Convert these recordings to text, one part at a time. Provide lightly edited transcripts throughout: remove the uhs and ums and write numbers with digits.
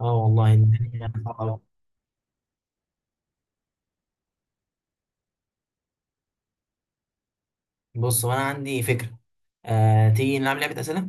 اه، والله الدنيا صعبة. بص، وانا عندي فكره. تيجي نلعب لعبه اسئله؟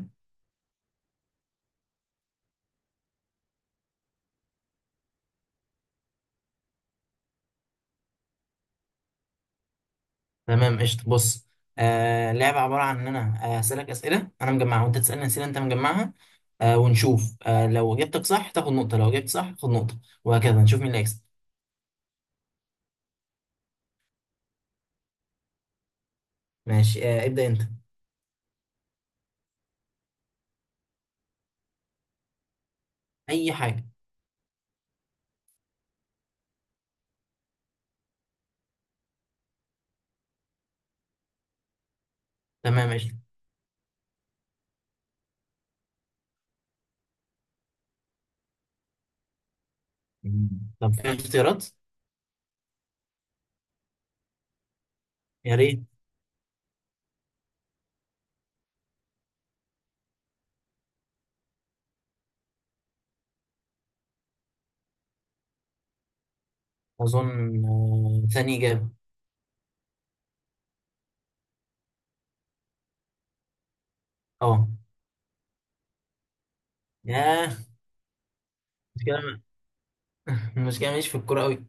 تمام قشطه. بص، اللعبه عباره عن ان انا اسالك اسئله انا مجمعها، وانت تسالني اسئله انت مجمعها. ونشوف، لو جبتك صح تاخد نقطه، لو جبت صح خد نقطه، وهكذا نشوف مين اللي هيكسب. ماشي، ابدا انت. اي حاجه. تمام قشطه. مم. طب في اختيارات؟ يا ريت. اظن ثاني اجابه. اه. ياه. مش كده مش كده، ماليش في الكوره قوي.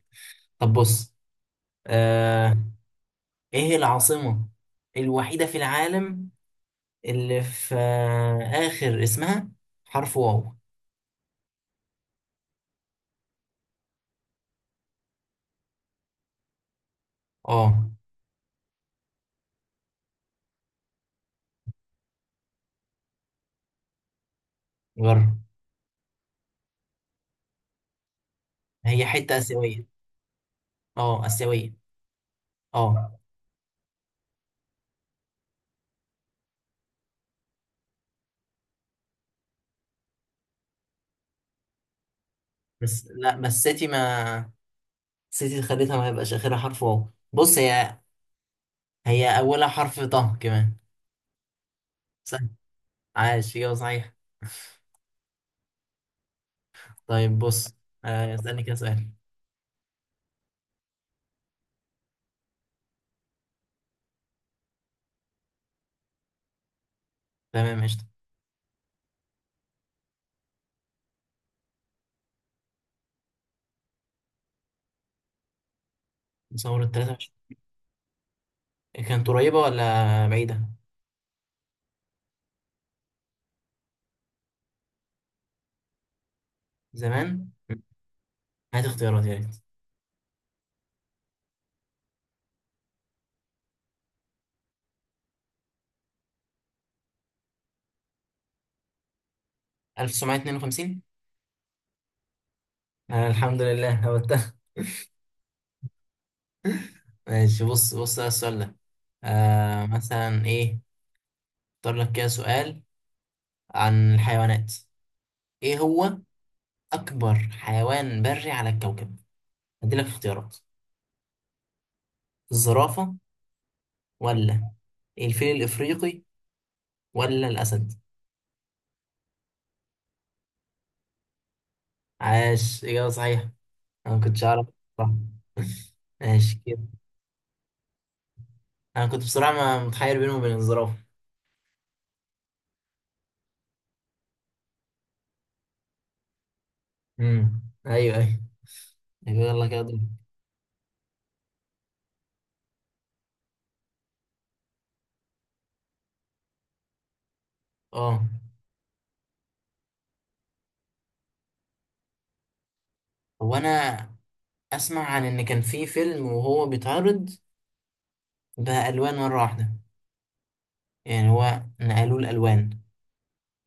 طب بص. آه ايه العاصمة الوحيدة في العالم اللي في آخر اسمها حرف واو؟ اه. جرب. هي حتة آسيوية. اه، آسيوية. اه. بس لا، بس سيتي ما، سيتي خليتها ما يبقاش آخرها حرف واو. بص، هي، هي أولها حرف طه كمان. سهل. عاش، إجابة صحيحة. طيب بص، اسألني كده سؤال. تمام قشطة. ثورة 23 كانت قريبة ولا بعيدة؟ زمان؟ هات اختيارات يا ريت. 1952. أنا الحمد لله هبتها. ماشي، بص بص على السؤال ده. مثلا إيه. أختار لك كده سؤال عن الحيوانات. إيه هو أكبر حيوان بري على الكوكب؟ هديلك اختيارات. الزرافة، ولا الفيل الإفريقي، ولا الأسد؟ عاش، إجابة صحيحة. أنا ما كنتش أعرف، صح. ماشي كده. أنا كنت بصراحة متحير بينه وبين الزرافة. أيوه، أيوه. يلا كده دور. أه. هو أنا اسمع عن ان كان في فيلم وهو بيتعرض بالوان مره واحده، يعني هو نقلوا الالوان.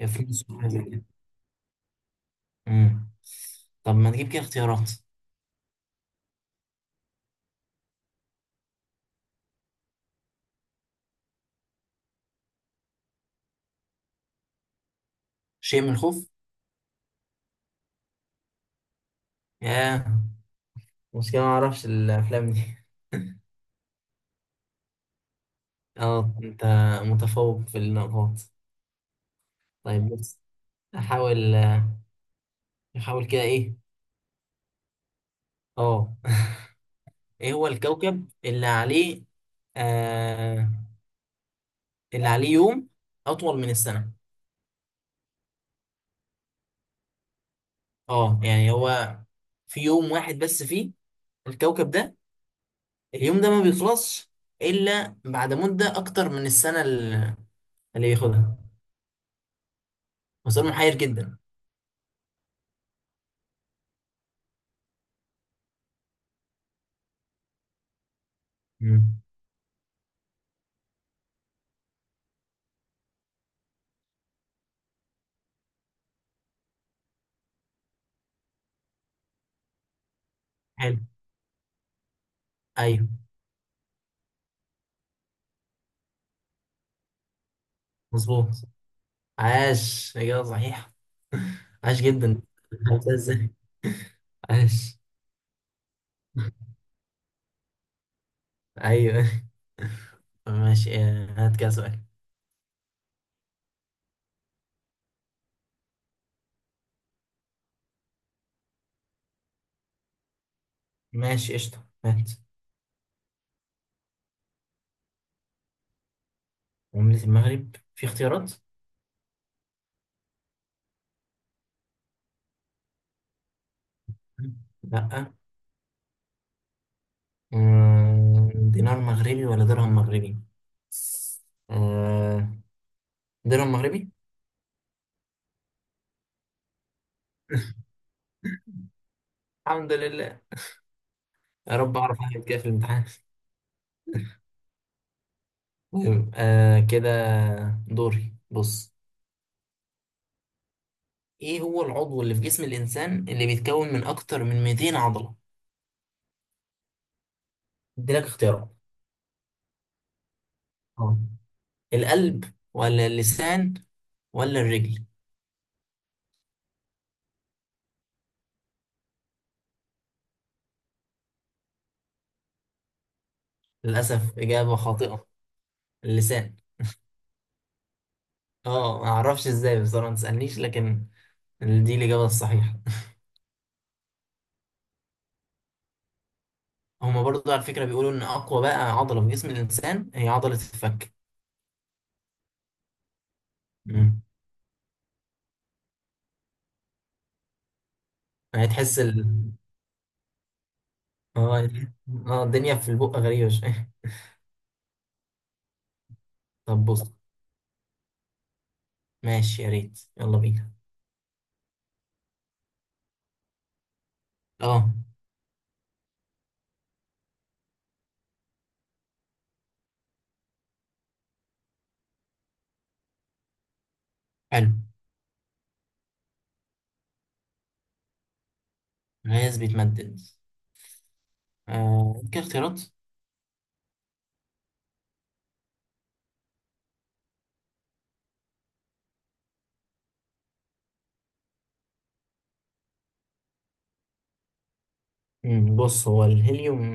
يا، في ناس بتعمل زي كده. امم. طب ما نجيب كده اختيارات. شيء من الخوف. يا، مشكله ما اعرفش الافلام دي اه، انت متفوق في النقاط. طيب بص. احاول احاول كده ايه. اه ايه هو الكوكب اللي عليه، آه اللي عليه يوم اطول من السنه؟ اه، يعني هو في يوم واحد بس، فيه الكوكب ده، اليوم ده ما بيخلصش الا بعد مده اكتر من السنه اللي بياخدها. وسؤال محير جدا. مم. حلو. ايوه. مظبوط. عاش، اجابه صحيحه. عاش جدا. عرفتها ازاي. عاش. ايوه. ماشي، هات كده سؤال. ماشي قشطه، هات. عمله المغرب في اختيارات؟ لا. دينار مغربي ولا درهم مغربي؟ آه، درهم مغربي. الحمد لله. يا رب اعرف اعمل كده في الامتحان. المهم كده، دوري. بص، ايه هو العضو اللي في جسم الانسان اللي بيتكون من اكتر من 200 عضلة؟ اديلك اختيارات. اه، القلب ولا اللسان ولا الرجل؟ للاسف، اجابة خاطئة. اللسان. اه، ما اعرفش ازاي بصراحة، ما تسالنيش، لكن دي الاجابة الصحيحة. هما برضو على فكرة بيقولوا ان اقوى بقى عضلة في جسم الانسان هي عضلة الفك. مم. يعني تحس اه. اه، الدنيا في البق غريبة شوية. طب بص. ماشي يا ريت، يلا بينا. اه. حلو. غاز بيتمدد. كاختيارات؟ بص، هو الهيليوم،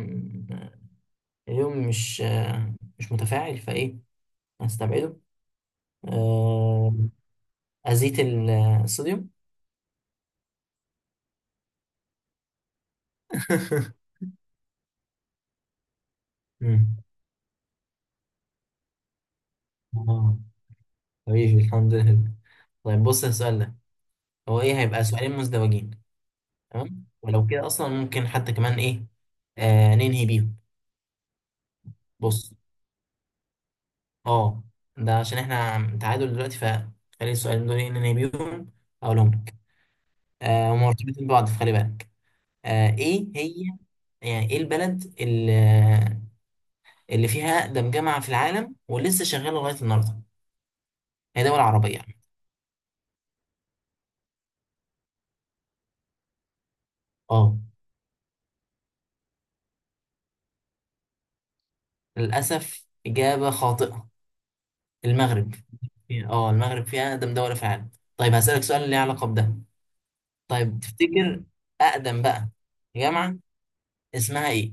الهيليوم مش متفاعل فايه، هنستبعده. آه أزيت الصوديوم. مم. اه، حبيبي الحمد لله. طيب بص السؤال ده، هو ايه، هيبقى سؤالين مزدوجين. تمام، ولو كده اصلا ممكن حتى كمان ايه، ننهي بيهم. بص. اه، ده عشان احنا تعادل دلوقتي، فخلي السؤالين دول ننهي بيهم، اقولهم لك. هما مرتبطين ببعض، فخلي بالك. ايه هي، يعني ايه البلد اللي فيها أقدم جامعة في العالم ولسه شغالة لغاية النهاردة؟ هي دولة عربية يعني. اه. للأسف، إجابة خاطئة. المغرب. اه، المغرب فيها أقدم دولة في العالم. طيب هسألك سؤال ليه علاقة بده. طيب تفتكر أقدم بقى جامعة اسمها ايه؟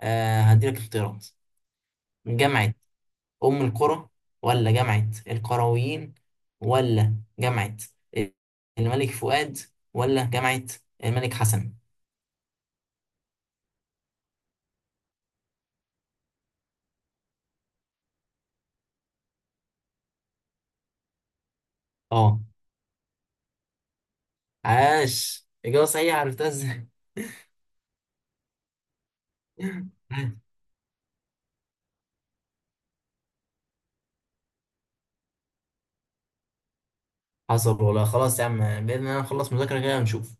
هديلك اختيارات. جامعة أم القرى، ولا جامعة القرويين، ولا جامعة الملك فؤاد، ولا جامعة الملك حسن؟ اه. عاش، إجابة صحيحة. عرفتها ازاي. حصل والله، خلاص يا عم، بإذن الله نخلص مذاكرة كده ونشوف.